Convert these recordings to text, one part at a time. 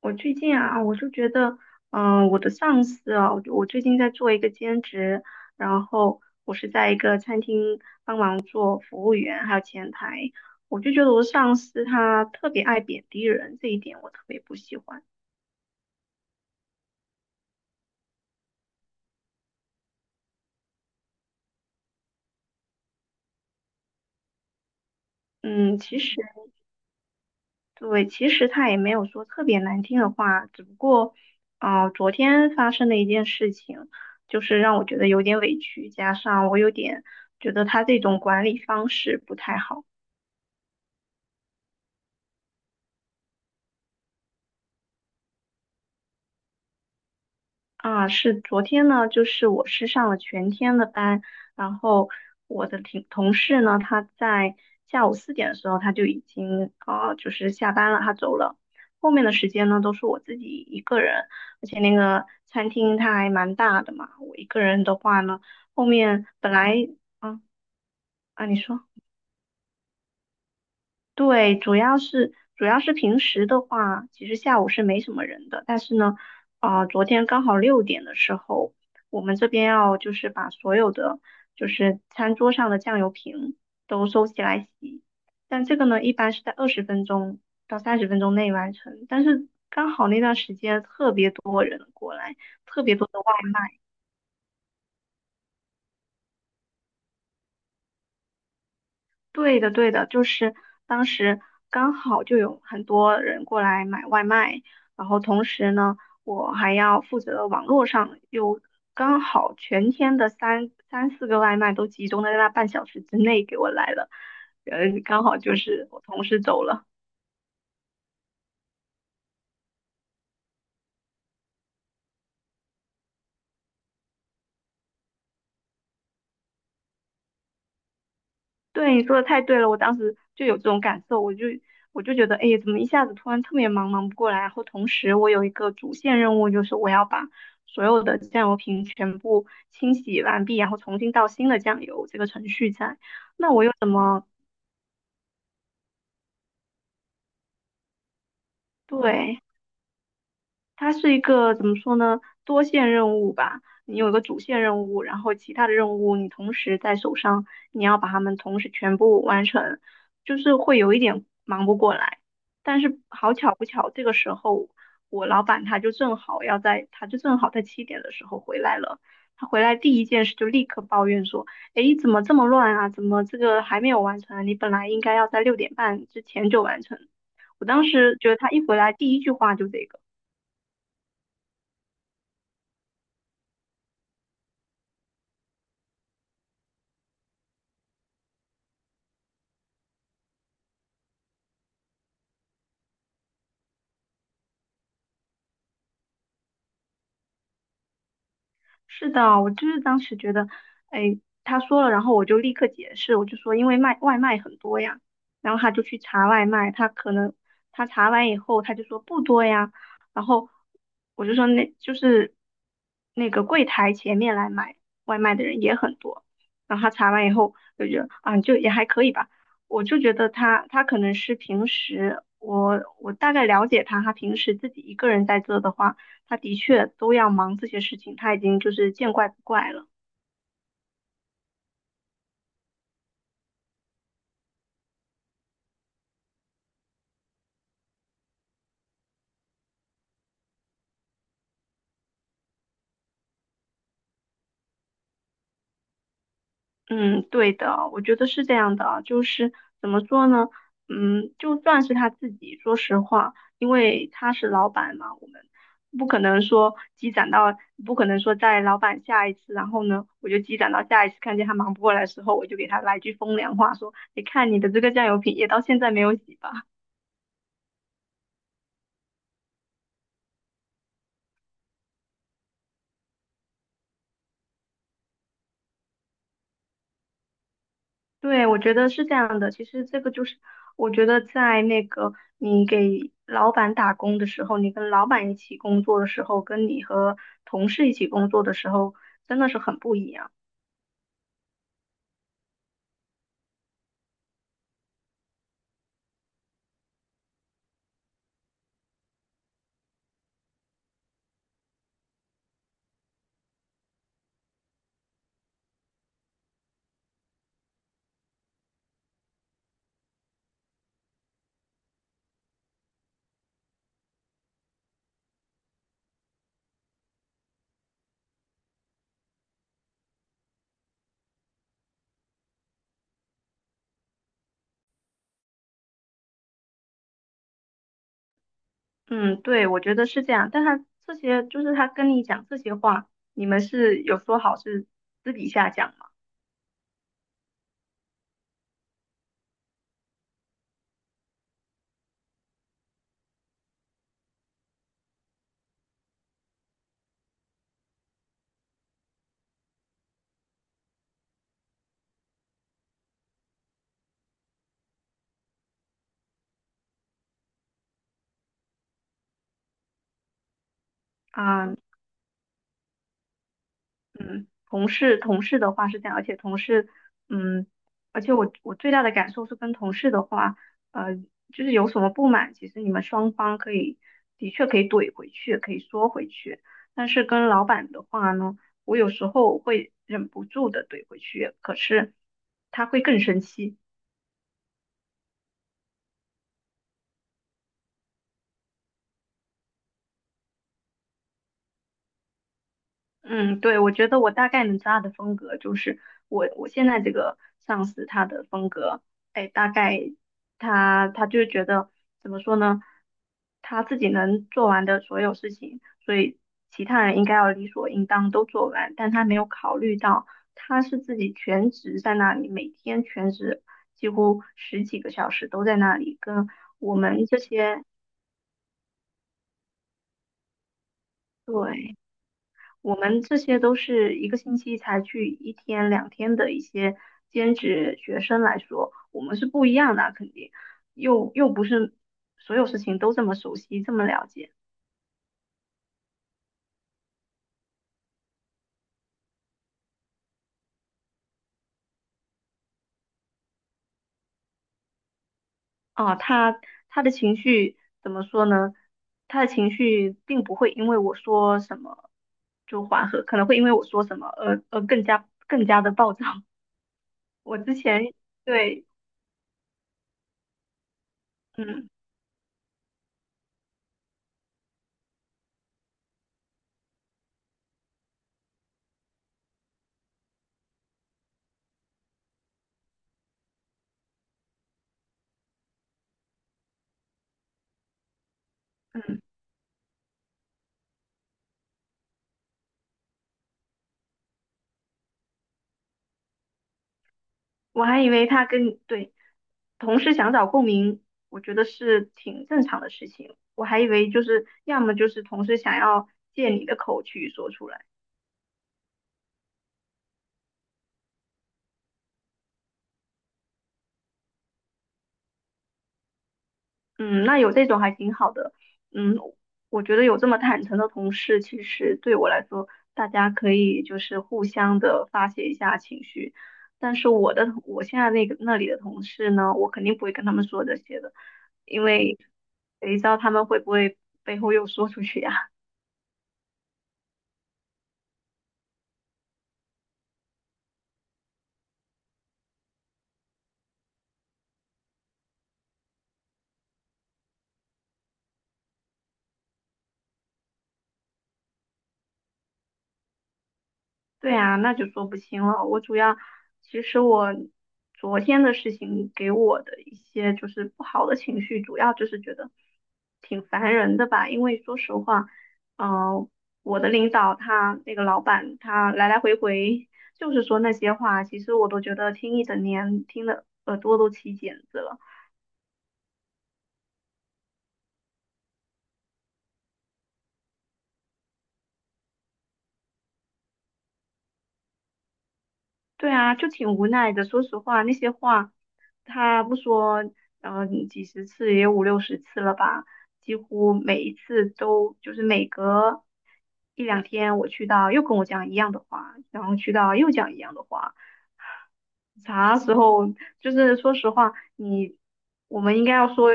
我最近啊，我就觉得，我的上司啊，我最近在做一个兼职，然后我是在一个餐厅做服务员，还有前台，我就觉得我的上司他特别爱贬低人，这一点我特别不喜欢。嗯，其实对，其实他也没有说特别难听的话，只不过，昨天发生的一件事情，就是让我觉得有点委屈，加上我有点觉得他这种管理方式不太好。是昨天呢，就是我是上了全天的班，然后我的同事呢，他在下午4点的时候他就已经就是下班了，他走了。后面的时间呢，都是我自己一个人，而且那个餐厅它还蛮大的嘛，我一个人的话呢，后面本来啊啊，你说。对，主要是平时的话，其实下午是没什么人的。但是呢，昨天刚好六点的时候，我们这边要就是把所有的就是餐桌上的酱油瓶都收起来洗。但这个呢，一般是在20分钟到30分钟内完成。但是刚好那段时间特别多人过来，特别多的外卖。对的，对的，就是当时刚好就有很多人过来买外卖，然后同时呢，我还要负责网络上，又刚好全天的三四个外卖都集中在那半小时之内给我来了，刚好就是我同事走了。对，你说的太对了，我当时就有这种感受，我就觉得，哎，怎么一下子突然特别忙，忙不过来。然后同时，我有一个主线任务，就是我要把所有的酱油瓶全部清洗完毕，然后重新倒新的酱油，这个程序在。那我又怎么，对，它是一个怎么说呢？多线任务吧，你有一个主线任务，然后其他的任务你同时在手上，你要把它们同时全部完成，就是会有一点忙不过来。但是好巧不巧，这个时候我老板他就正好在7点的时候回来了。他回来第一件事就立刻抱怨说：“诶，怎么这么乱啊？怎么这个还没有完成啊？你本来应该要在6点半之前就完成。”我当时觉得他一回来第一句话就这个。是的，我就是当时觉得，哎，他说了，然后我就立刻解释，我就说因为卖外卖很多呀，然后他就去查外卖，他可能他查完以后他就说不多呀，然后我就说那就是那个柜台前面来买外卖的人也很多，然后他查完以后就觉得啊就也还可以吧，我就觉得他可能是平时我大概了解他，他平时自己一个人在做的话。他的确都要忙这些事情，他已经就是见怪不怪了。嗯，对的，我觉得是这样的啊，就是怎么说呢？嗯，就算是他自己，说实话，因为他是老板嘛，我们不可能说积攒到，不可能说在老板下一次，然后呢，我就积攒到下一次看见他忙不过来的时候，我就给他来句风凉话，说，你看你的这个酱油瓶也到现在没有洗吧。对，我觉得是这样的。其实这个就是，我觉得在那个你给老板打工的时候，你跟老板一起工作的时候，跟你和同事一起工作的时候，真的是很不一样。嗯，对，我觉得是这样。但他这些就是他跟你讲这些话，你们是有说好是私底下讲吗？啊、同事的话是这样，而且同事，嗯，而且我最大的感受是跟同事的话，呃，就是有什么不满，其实你们双方的确可以怼回去，可以说回去，但是跟老板的话呢，我有时候会忍不住的怼回去，可是他会更生气。嗯，对，我觉得我大概能知道他的风格，就是我现在这个上司他的风格，哎，大概他就是觉得怎么说呢，他自己能做完的所有事情，所以其他人应该要理所应当都做完，但他没有考虑到他是自己全职在那里，每天全职几乎十几个小时都在那里，跟我们这些对。我们这些都是一个星期才去一天两天的一些兼职学生来说，我们是不一样的啊肯定又不是所有事情都这么熟悉，这么了解啊。他他的情绪怎么说呢？他的情绪并不会因为我说什么就缓和，可能会因为我说什么而更加更加的暴躁。我之前对，嗯嗯。我还以为他跟你对同事想找共鸣，我觉得是挺正常的事情。我还以为就是要么就是同事想要借你的口去说出来，嗯，那有这种还挺好的。嗯，我觉得有这么坦诚的同事，其实对我来说，大家可以就是互相的发泄一下情绪。但是我现在那个那里的同事呢，我肯定不会跟他们说这些的，因为谁知道他们会不会背后又说出去呀？对啊，那就说不清了。我主要，其实我昨天的事情给我的一些就是不好的情绪，主要就是觉得挺烦人的吧。因为说实话，嗯、呃我的领导他那个老板他来来回回 就是说那些话，其实我都觉得听一整年，听的耳朵都起茧子了。对啊，就挺无奈的。说实话，那些话他不说，几十次也有五六十次了吧，几乎每一次都就是每隔一两天我去到又跟我讲一样的话，然后去到又讲一样的话，啥时候？就是说实话，我们应该要说，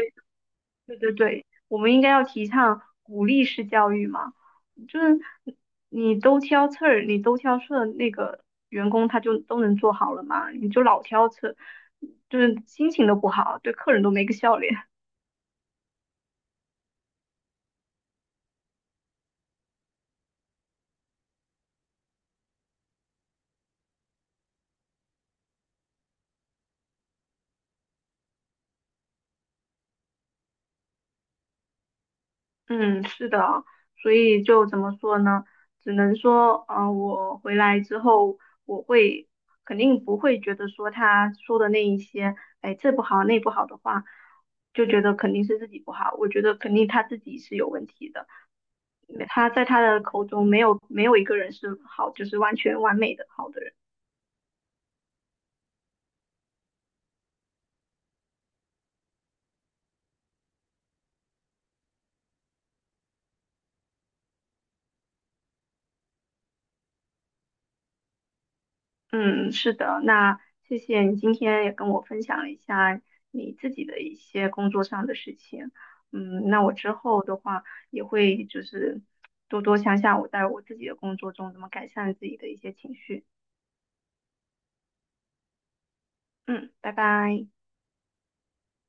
对对对，我们应该要提倡鼓励式教育嘛。就是你都挑刺儿那个员工他就都能做好了嘛，你就老挑刺儿就是心情都不好，对客人都没个笑脸。嗯，是的，所以就怎么说呢？只能说，我回来之后，我会肯定不会觉得说他说的那一些，哎，这不好那不好的话，就觉得肯定是自己不好。我觉得肯定他自己是有问题的，因为他在他的口中没有一个人是好，就是完全完美的好的人。嗯，是的，那谢谢你今天也跟我分享了一下你自己的一些工作上的事情。嗯，那我之后的话也会就是多多想想我在我自己的工作中怎么改善自己的一些情绪。嗯，拜拜。